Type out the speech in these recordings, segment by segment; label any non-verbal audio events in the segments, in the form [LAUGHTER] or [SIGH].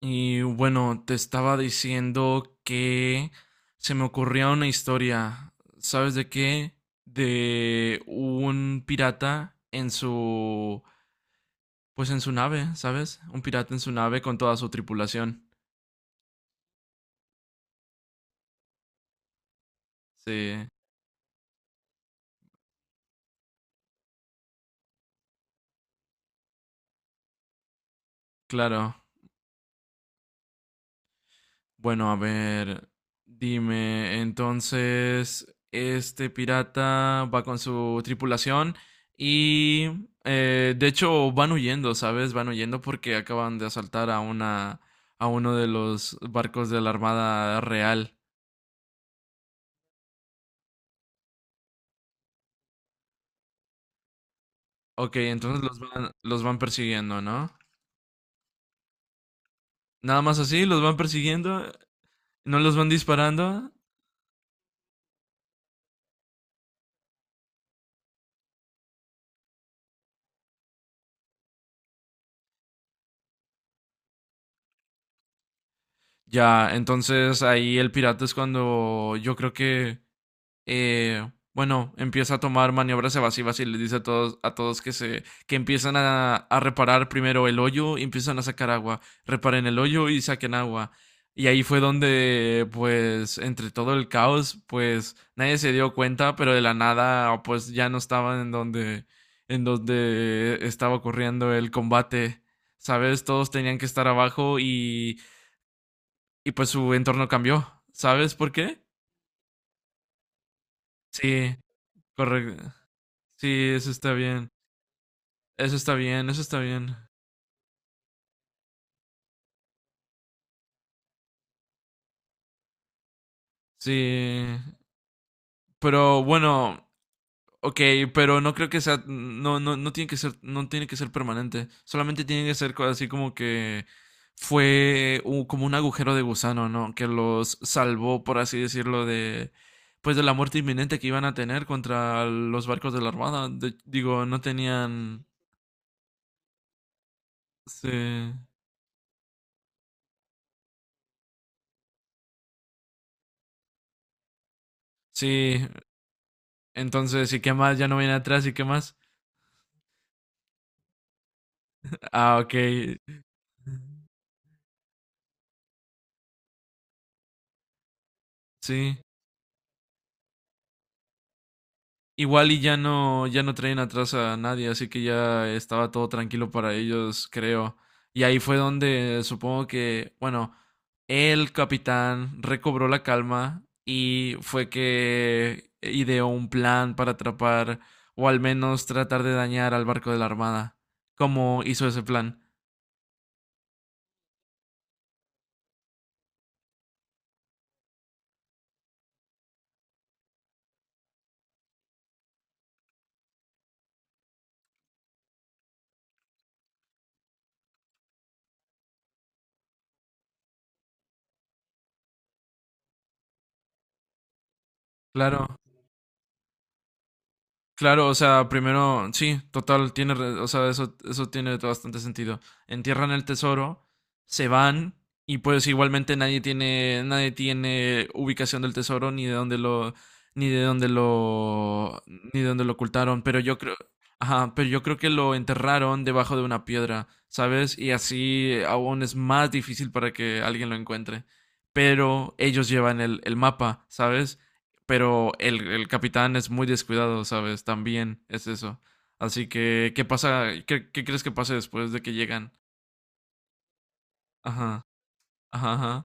Y bueno, te estaba diciendo que se me ocurría una historia, ¿sabes de qué? De un pirata en pues en su nave, ¿sabes? Un pirata en su nave con toda su tripulación. Sí, claro. Bueno, a ver, dime, entonces, este pirata va con su tripulación y, de hecho, van huyendo, ¿sabes? Van huyendo porque acaban de asaltar a a uno de los barcos de la Armada Real. Ok, entonces los van persiguiendo, ¿no? Nada más así, los van persiguiendo, no los van disparando. Ya, entonces ahí el pirata es cuando yo creo quebueno, empieza a tomar maniobras evasivas y les dice a todos que empiezan a reparar primero el hoyo, empiezan a sacar agua, reparen el hoyo y saquen agua. Y ahí fue donde, pues, entre todo el caos, pues, nadie se dio cuenta, pero de la nada, pues, ya no estaban en donde estaba ocurriendo el combate, ¿sabes? Todos tenían que estar abajo y pues su entorno cambió, ¿sabes por qué? Sí, correcto. Sí, eso está bien. Eso está bien, eso está bien. Sí, pero bueno, ok, pero no, no tiene que ser, no tiene que ser permanente. Solamente tiene que ser así como que fue como un agujero de gusano, ¿no? Que los salvó, por así decirlo, de, pues de la muerte inminente que iban a tener contra los barcos de la Armada. Digo, no tenían, sí, sí. Entonces, ¿y qué más? Ya no viene atrás, ¿y qué más? Ah, ok, sí. Igual y ya no traen atrás a nadie, así que ya estaba todo tranquilo para ellos, creo. Y ahí fue donde supongo que, bueno, el capitán recobró la calma y fue que ideó un plan para atrapar o al menos tratar de dañar al barco de la Armada. ¿Cómo hizo ese plan? Claro. Claro, o sea, primero, sí, total, o sea, eso tiene bastante sentido. Entierran el tesoro, se van y pues igualmente nadie tiene ubicación del tesoro ni de dónde lo, ni de dónde lo ocultaron. Pero yo creo, ajá, pero yo creo que lo enterraron debajo de una piedra, ¿sabes? Y así aún es más difícil para que alguien lo encuentre. Pero ellos llevan el mapa, ¿sabes? Pero el capitán es muy descuidado, ¿sabes? También es eso. Así que, ¿qué pasa? ¿ qué crees que pase después de que llegan? Ajá, ajá, ajá.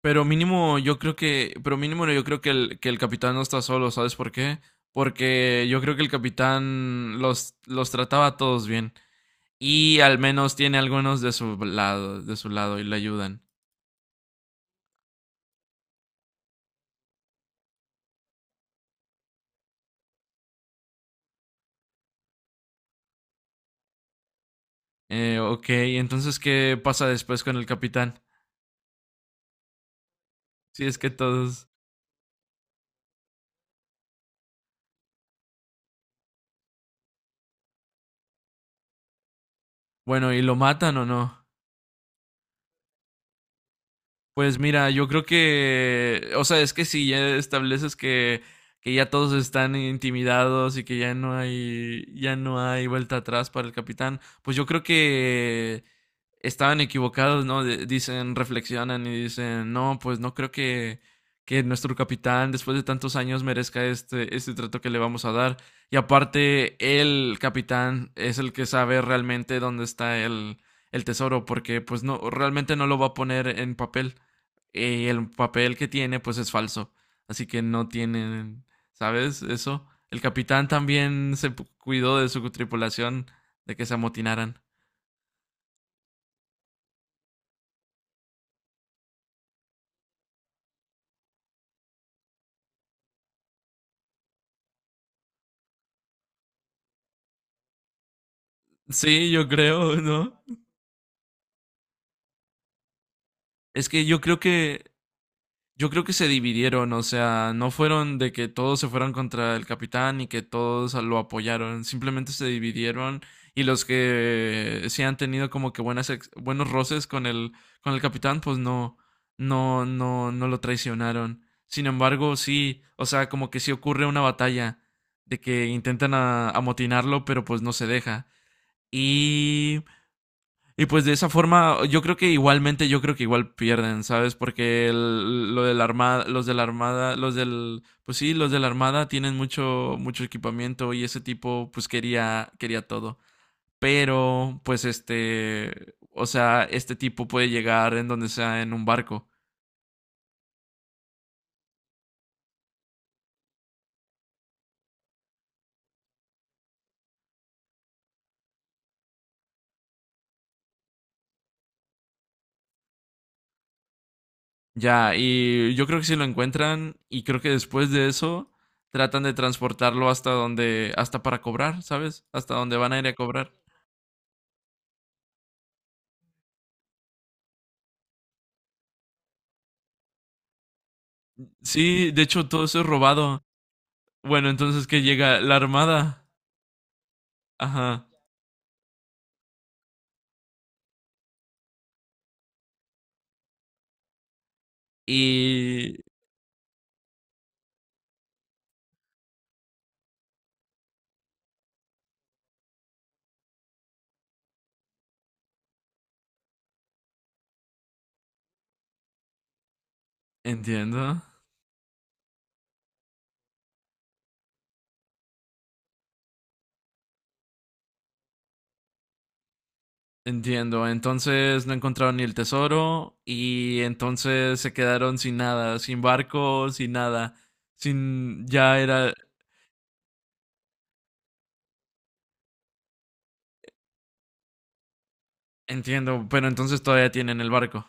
Pero mínimo, pero mínimo yo creo que que el capitán no está solo, ¿sabes por qué? Porque yo creo que el capitán los trataba a todos bien. Y al menos tiene algunos de su lado y le ayudan. Ok, entonces, ¿qué pasa después con el capitán? Si es que todos. Bueno, ¿y lo matan o no? Pues mira, yo creo que, o sea, es que si ya estableces que ya todos están intimidados y que ya no hay vuelta atrás para el capitán, pues yo creo que estaban equivocados, ¿no? Dicen, reflexionan y dicen, no, pues no creo que nuestro capitán después de tantos años merezca este trato que le vamos a dar. Y aparte, el capitán es el que sabe realmente dónde está el tesoro, porque pues no, realmente no lo va a poner en papel, el papel que tiene pues es falso. Así que no tienen, ¿sabes? Eso. El capitán también cuidó de su tripulación de que se amotinaran. Sí, yo creo, ¿no? Es que yo creo que Yo creo que se dividieron, o sea, no fueron de que todos se fueron contra el capitán y que todos lo apoyaron, simplemente se dividieron y los que sí han tenido como que buenos roces con el capitán, pues no lo traicionaron. Sin embargo, sí, o sea, como que sí ocurre una batalla de que intentan amotinarlo, pero pues no se deja. Y y pues de esa forma, yo creo que igual pierden, ¿sabes? Porque lo de la armada, los del, pues sí, los de la armada tienen mucho, mucho equipamiento y ese tipo, pues quería todo. Pero, pues este, o sea, este tipo puede llegar en donde sea en un barco. Ya, y yo creo que si lo encuentran y creo que después de eso tratan de transportarlo hasta donde, hasta para cobrar, ¿sabes? Hasta donde van a ir a cobrar. Sí, de hecho todo eso es robado. Bueno, entonces que llega la armada. Ajá. Y entiendo. Entiendo. Entonces no encontraron ni el tesoro y entonces se quedaron sin nada, sin barco, sin nada. Sin ya era, entiendo, pero entonces todavía tienen el barco.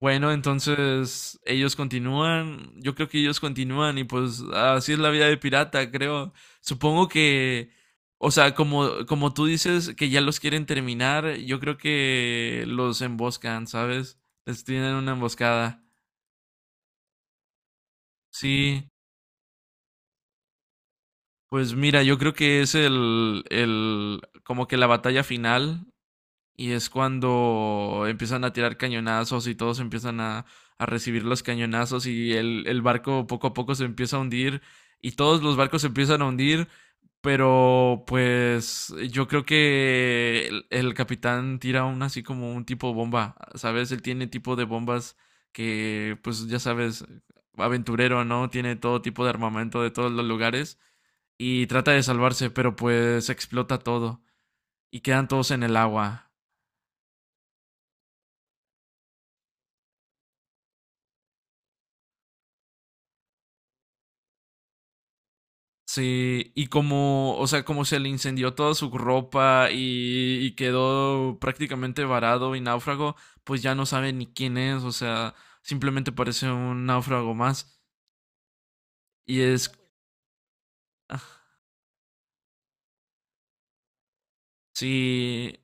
Bueno, entonces ellos continúan, y pues así es la vida de pirata, creo. Supongo que, o sea, como tú dices que ya los quieren terminar, yo creo que los emboscan, ¿sabes? Les tienen una emboscada. Sí, pues mira, yo creo que es como que la batalla final. Y es cuando empiezan a tirar cañonazos y todos empiezan a recibir los cañonazos y el barco poco a poco se empieza a hundir y todos los barcos se empiezan a hundir, pero pues yo creo que el capitán tira un así como un tipo bomba, ¿sabes? Él tiene tipo de bombas que pues ya sabes, aventurero, ¿no? Tiene todo tipo de armamento de todos los lugares y trata de salvarse, pero pues explota todo y quedan todos en el agua. Sí, y como, o sea, como se le incendió toda su ropa y quedó prácticamente varado y náufrago, pues ya no sabe ni quién es, o sea, simplemente parece un náufrago más. Y es, ah, sí,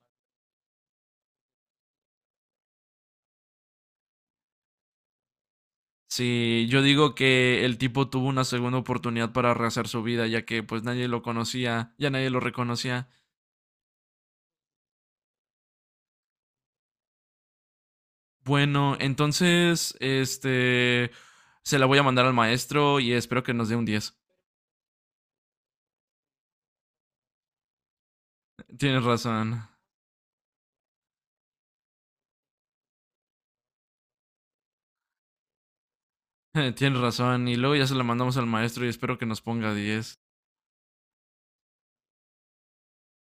sí, yo digo que el tipo tuvo una segunda oportunidad para rehacer su vida, ya que pues nadie lo conocía, ya nadie lo reconocía. Bueno, entonces, este, se la voy a mandar al maestro y espero que nos dé un 10. Tienes razón. [LAUGHS] Tienes razón. Y luego ya se la mandamos al maestro y espero que nos ponga 10.